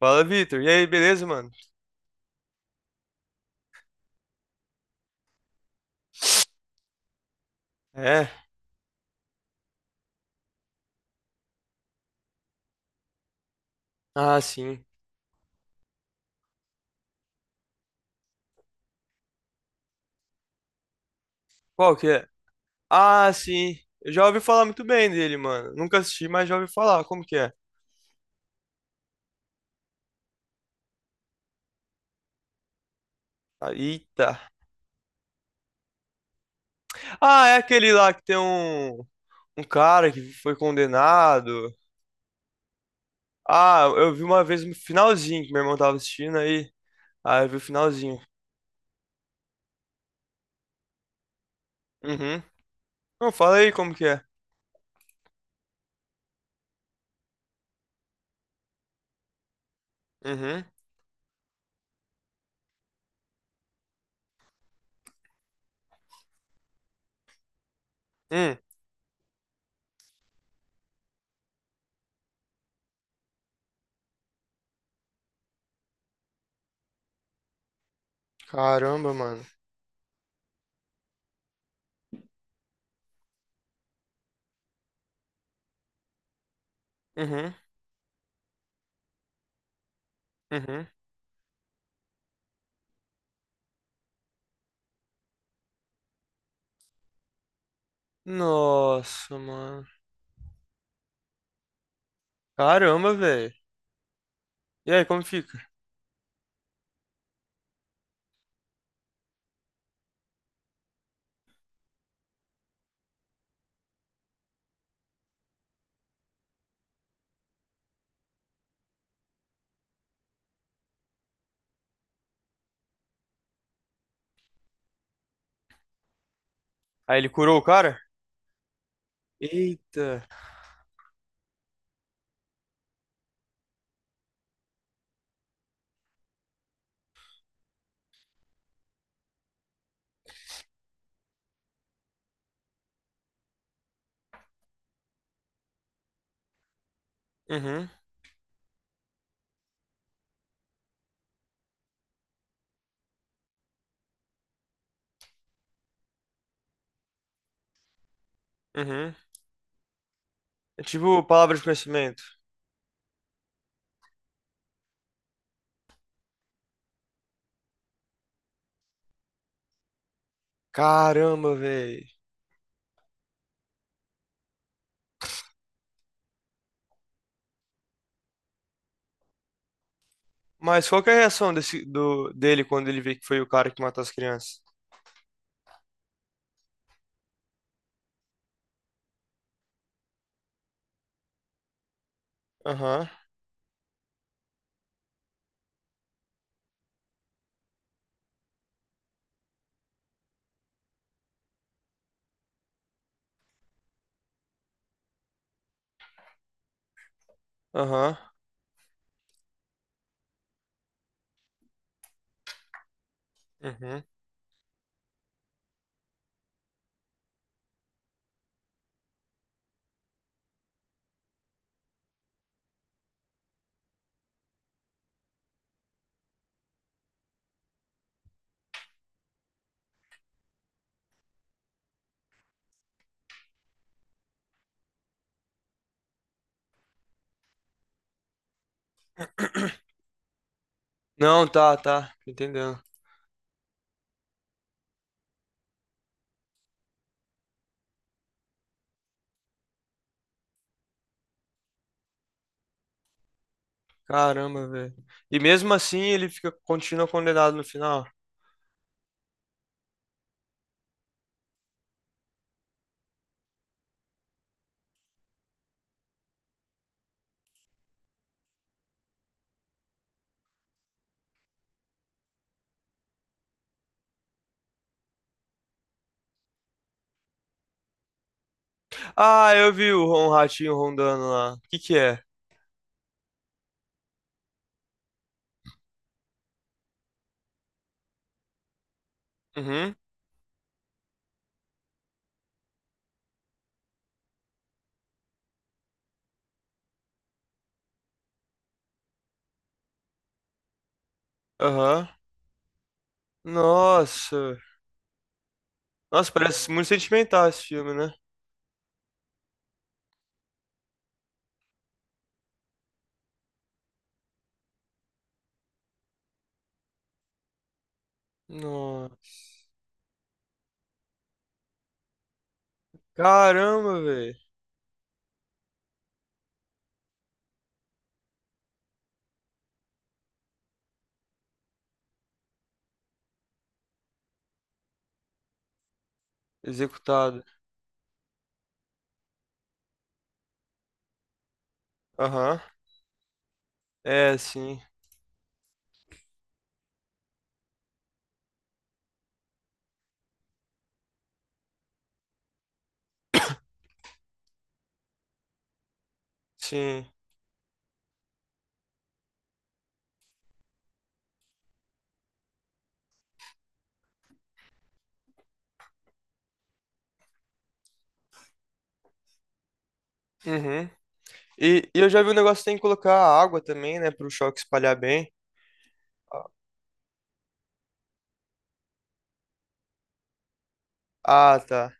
Fala, Vitor. E aí, beleza, mano? É. Ah, sim. Qual que é? Ah, sim. Eu já ouvi falar muito bem dele, mano. Nunca assisti, mas já ouvi falar. Como que é? Ah, eita. Ah, é aquele lá que tem um cara que foi condenado. Ah, eu vi uma vez no finalzinho que meu irmão tava assistindo aí. Ah, eu vi o finalzinho. Uhum. Não, fala aí como que é. Uhum. Hum. Caramba, mano. Uhum. Uhum. Nossa, mano. Caramba, velho. E aí, como fica? Aí ele curou o cara? Eita. Uhum, uhum. É tipo palavra de conhecimento. Caramba, velho. Mas qual que é a reação desse, do, dele quando ele vê que foi o cara que matou as crianças? Aham, aham, uhum. Não, tá, tá. Tô entendendo. Caramba, velho. E mesmo assim ele fica, continua condenado no final. Ah, eu vi o, um ratinho rondando lá. O que que é? Uhum, aham. Nossa. Nossa, parece muito sentimental esse filme, né? Nossa. Caramba, velho. Executado. Aham. É, sim. Sim. Uhum. E eu já vi um negócio que tem que colocar água também, né? Pro choque espalhar bem. Ah, tá.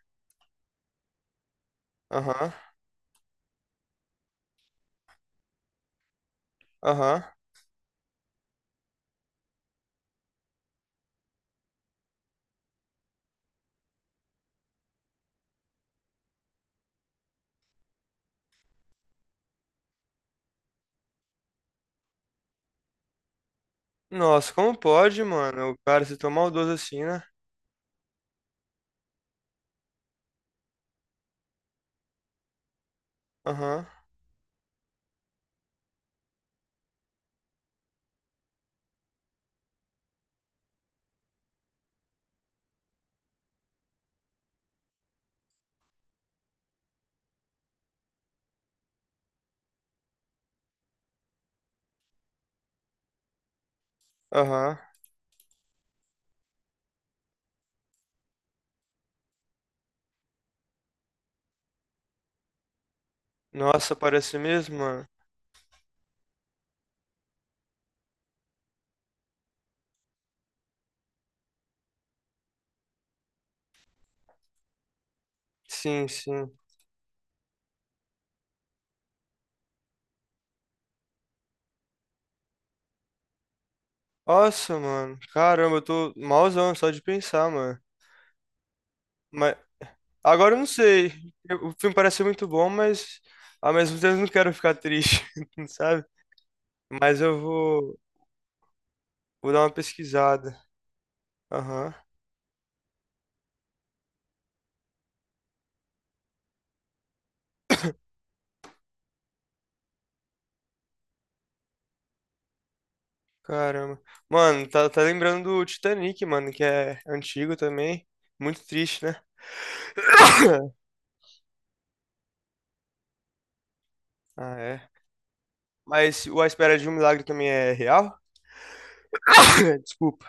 Aham. Aham. Nossa, como pode, mano? O cara se tomar o maldoso assim, né? Aham. Aham. Nossa, parece mesmo, mano. Sim, sim. Nossa, mano. Caramba, eu tô malzão só de pensar, mano. Mas agora eu não sei. Eu- o filme parece ser muito bom, mas ao mesmo tempo eu não quero ficar triste, sabe? Mas eu vou dar uma pesquisada. Aham, caramba. Mano, tá lembrando do Titanic, mano, que é antigo também. Muito triste, né? Ah, é. Mas o A Espera de um Milagre também é real? Desculpa.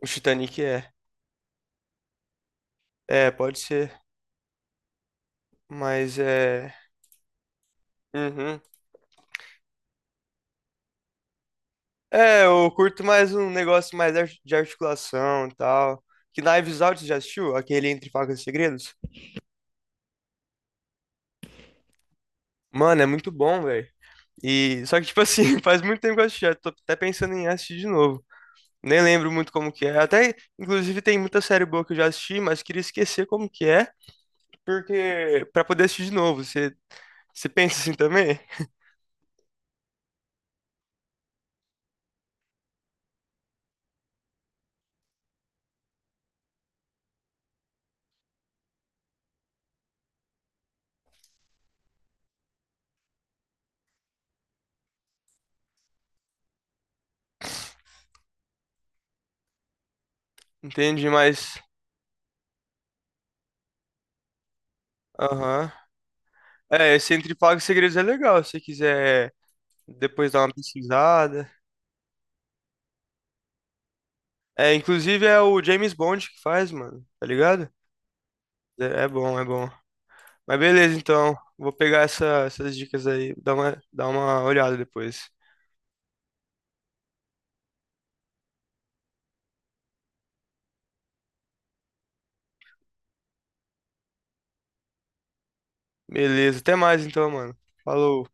O Titanic é. É, pode ser. Mas é. Uhum. É, eu curto mais um negócio mais de articulação e tal. Que Knives Out, você já assistiu? Aquele Entre Facas e Segredos? Mano, é muito bom, velho. E só que tipo assim, faz muito tempo que eu assisti, já tô até pensando em assistir de novo. Nem lembro muito como que é. Até inclusive tem muita série boa que eu já assisti, mas queria esquecer como que é, porque para poder assistir de novo. Você pensa assim também? Entende? Mas aham. É, esse Entre Pagos e Segredos é legal, se você quiser depois dar uma pesquisada. É, inclusive é o James Bond que faz, mano, tá ligado? É, é bom, é bom. Mas beleza, então, vou pegar essas dicas aí, dar uma olhada depois. Beleza, até mais então, mano. Falou.